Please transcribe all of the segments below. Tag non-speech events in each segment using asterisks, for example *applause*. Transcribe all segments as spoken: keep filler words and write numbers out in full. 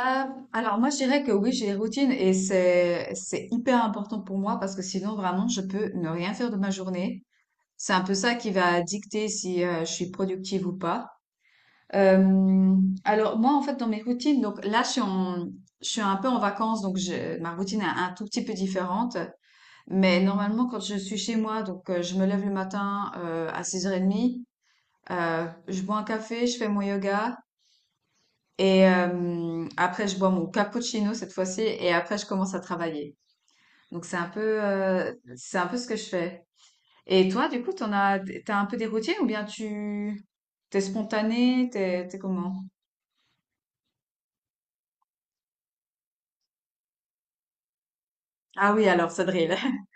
Euh, alors moi je dirais que oui j'ai des routines et c'est c'est hyper important pour moi parce que sinon vraiment je peux ne rien faire de ma journée. C'est un peu ça qui va dicter si euh, je suis productive ou pas. Euh, alors moi en fait dans mes routines donc là je suis en- je suis un peu en vacances donc je- ma routine est un tout petit peu différente mais normalement quand je suis chez moi donc euh, je me lève le matin euh, à six heures trente, euh, je bois un café, je fais mon yoga et euh, après, je bois mon cappuccino cette fois-ci et après, je commence à travailler. Donc, c'est un peu, euh, c'est un peu ce que je fais. Et toi, du coup, t'en as, t'as un peu des routines ou bien tu, t'es spontané, t'es, t'es comment? Ah oui, alors, ça drille. *laughs*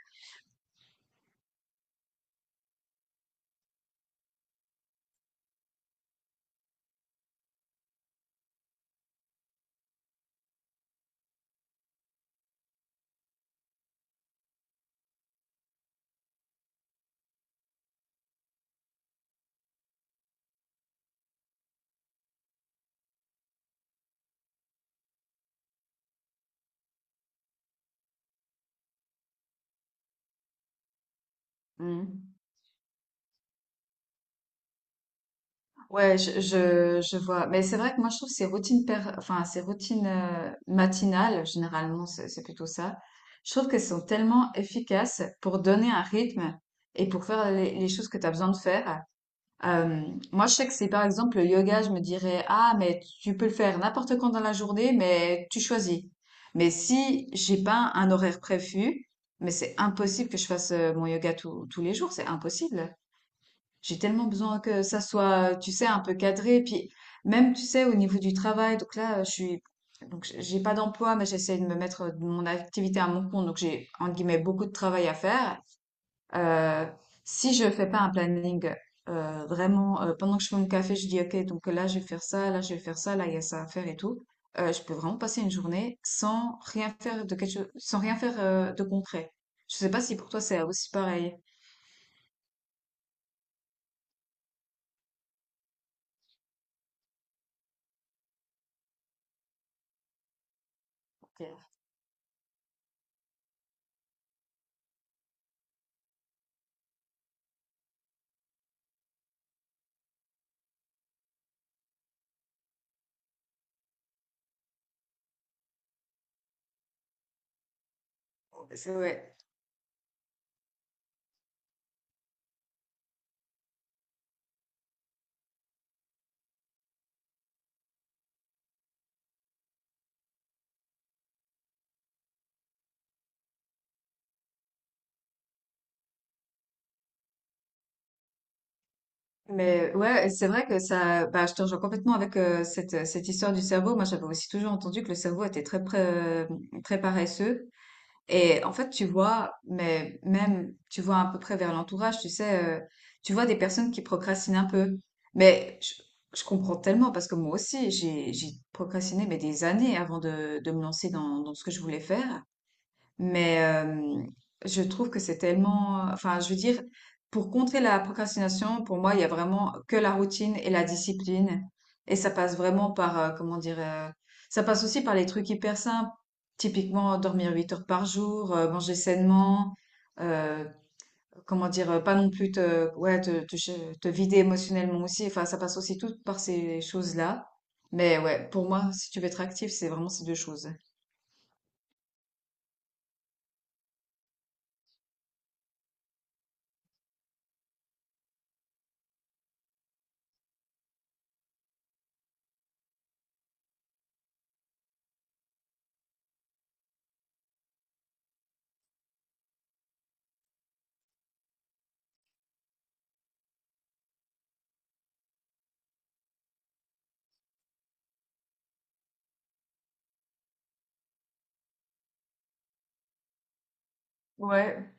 Mm. Ouais, je, je, je vois. Mais c'est vrai que moi, je trouve que ces routines, per- enfin, ces routines euh, matinales, généralement, c'est c'est plutôt ça. Je trouve qu'elles sont tellement efficaces pour donner un rythme et pour faire les, les choses que tu as besoin de faire. Euh, Moi, je sais que c'est par exemple le yoga, je me dirais, ah, mais tu peux le faire n'importe quand dans la journée, mais tu choisis. Mais si j'ai pas un horaire prévu, mais c'est impossible que je fasse euh, mon yoga tous tous les jours, c'est impossible. J'ai tellement besoin que ça soit, tu sais, un peu cadré. Puis même, tu sais, au niveau du travail, donc là, euh, je suis, donc j- j'ai pas d'emploi, mais j'essaie de me mettre euh, mon activité à mon compte, donc j'ai entre guillemets beaucoup de travail à faire. Euh, Si je fais pas un planning euh, vraiment, euh, pendant que je fais mon café, je dis, OK, donc là, je vais faire ça, là, je vais faire ça, là, il y a ça à faire et tout, euh, je peux vraiment passer une journée sans rien faire de quelque chose, sans rien faire euh, de concret. Je sais pas si pour toi, c'est aussi pareil. Ok. C'est- Ouais. Mais ouais, c'est vrai que ça, bah, je te rejoins complètement avec euh, cette, cette histoire du cerveau. Moi, j'avais aussi toujours entendu que le cerveau était très, pré- euh, très paresseux. Et en fait, tu vois, mais même, tu vois à peu près vers l'entourage, tu sais, euh, tu vois des personnes qui procrastinent un peu. Mais je, je comprends tellement parce que moi aussi, j'ai, j'ai procrastiné mais des années avant de, de me lancer dans, dans ce que je voulais faire. Mais euh, je trouve que c'est tellement... Enfin, je veux dire, pour contrer la procrastination, pour moi, il y a vraiment que la routine et la discipline. Et ça passe vraiment par, euh, comment dire, euh, ça passe aussi par les trucs hyper simples. Typiquement, dormir huit heures par jour, euh, manger sainement, euh, comment dire, euh, pas non plus te, ouais, te, te, ch- te vider émotionnellement aussi. Enfin, ça passe aussi tout par ces choses-là. Mais ouais, pour moi, si tu veux être actif, c'est vraiment ces deux choses. Ouais,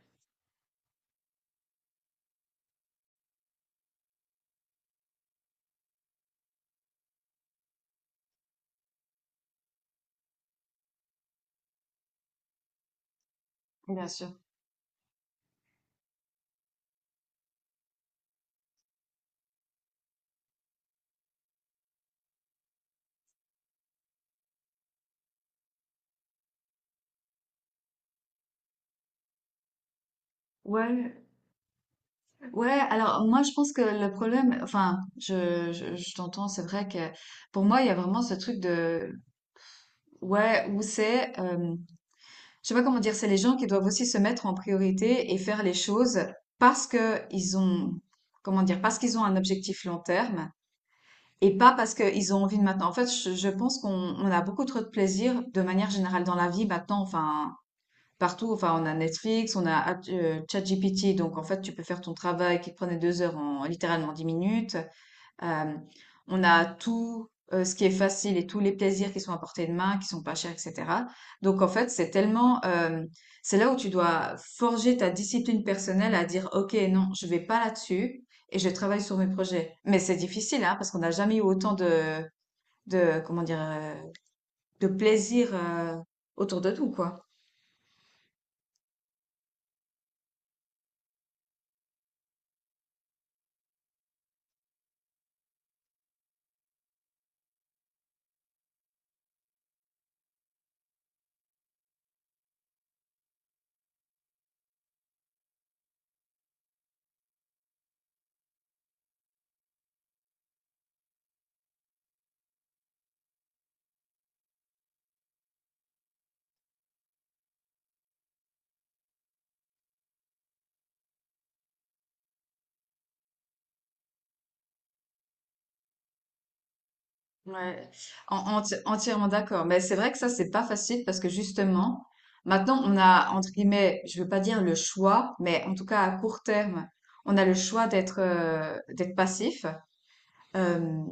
bien sûr. Ouais, ouais. Alors moi, je pense que le problème, enfin, je, je, je t'entends. C'est vrai que pour moi, il y a vraiment ce truc de, ouais, où c'est. Je sais pas comment dire, c'est les gens qui doivent aussi se mettre en priorité et faire les choses parce que ils ont, comment dire, parce qu'ils ont un objectif long terme et pas parce qu'ils ont envie de maintenant. En fait, je, je pense qu'on on a beaucoup trop de plaisir de manière générale dans la vie maintenant, enfin, partout, enfin, on a Netflix, on a euh, ChatGPT, donc en fait, tu peux faire ton travail qui te prenait deux heures en littéralement dix minutes. Euh, on a tout euh, ce qui est facile et tous les plaisirs qui sont à portée de main, qui sont pas chers, et cetera. Donc en fait, c'est tellement, euh, c'est là où tu dois forger ta discipline personnelle à dire, ok, non, je vais pas là-dessus et je travaille sur mes projets. Mais c'est difficile, hein, parce qu'on n'a jamais eu autant de, de, comment dire, euh, de plaisir euh, autour de tout, quoi. Ouais, en- enti- entièrement d'accord. Mais c'est vrai que ça, c'est pas facile parce que justement, maintenant, on a, entre guillemets, je veux pas dire le choix, mais en tout cas à court terme, on a le choix d'être euh, d'être passif. Euh,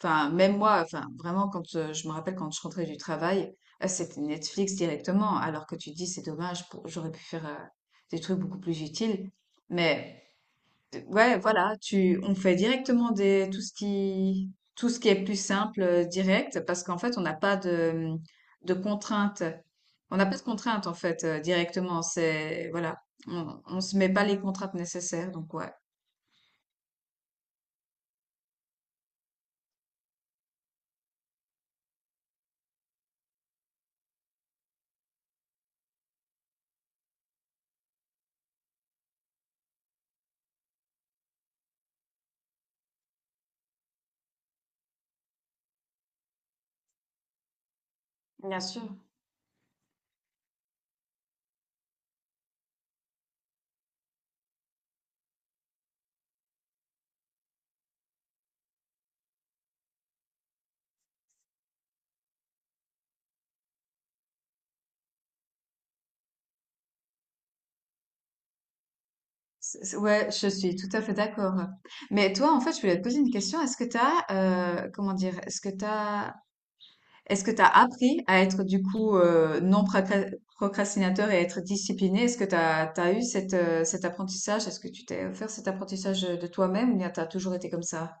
Enfin, même moi, enfin, vraiment, quand euh, je me rappelle quand je rentrais du travail, euh, c'était Netflix directement, alors que tu te dis, c'est dommage, pour- j'aurais pu faire euh, des trucs beaucoup plus utiles. Mais ouais, voilà, tu, on fait directement des, tout ce qui, tout ce qui est plus simple, euh, direct, parce qu'en fait, on n'a pas de, de contraintes. On n'a pas de contraintes, en fait, euh, directement. C'est, voilà, on, on se met pas les contraintes nécessaires, donc ouais. Bien sûr. C'est- c'est- Ouais, je suis tout à fait d'accord. Mais toi, en fait, je voulais te poser une question. Est-ce que t'as, euh, comment dire, est-ce que t'as Est-ce que tu as appris à être du coup euh, non procra- procrastinateur et à être discipliné? Est-ce que tu as eu cette, euh, cet apprentissage? Est-ce que tu t'es offert cet apprentissage de toi-même ou bien tu as toujours été comme ça?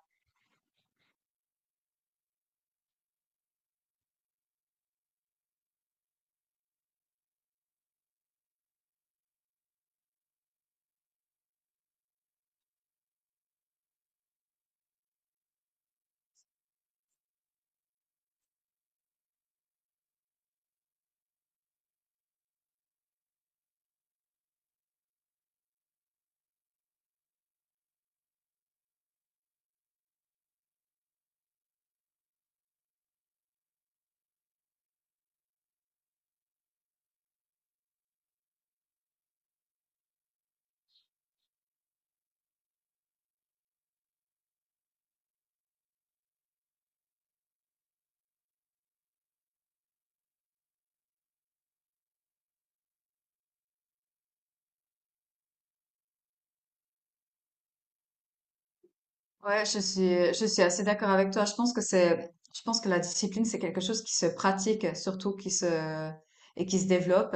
Ouais, je suis, je suis assez d'accord avec toi. Je pense que c'est, je pense que la discipline, c'est quelque chose qui se pratique, surtout qui se, et qui se développe,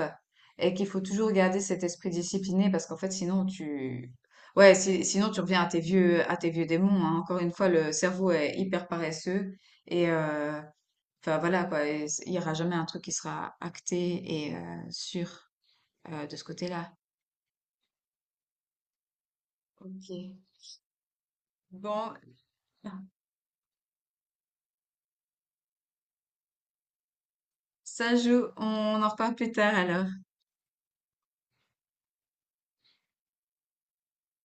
et qu'il faut toujours garder cet esprit discipliné parce qu'en fait, sinon tu, ouais, si- sinon tu reviens à tes vieux, à tes vieux démons, hein. Encore une fois, le cerveau est hyper paresseux et, euh, enfin voilà quoi, et c- il n'y aura jamais un truc qui sera acté et euh, sûr euh, de ce côté-là. Ok. Bon, ça joue, on en reparle plus tard alors.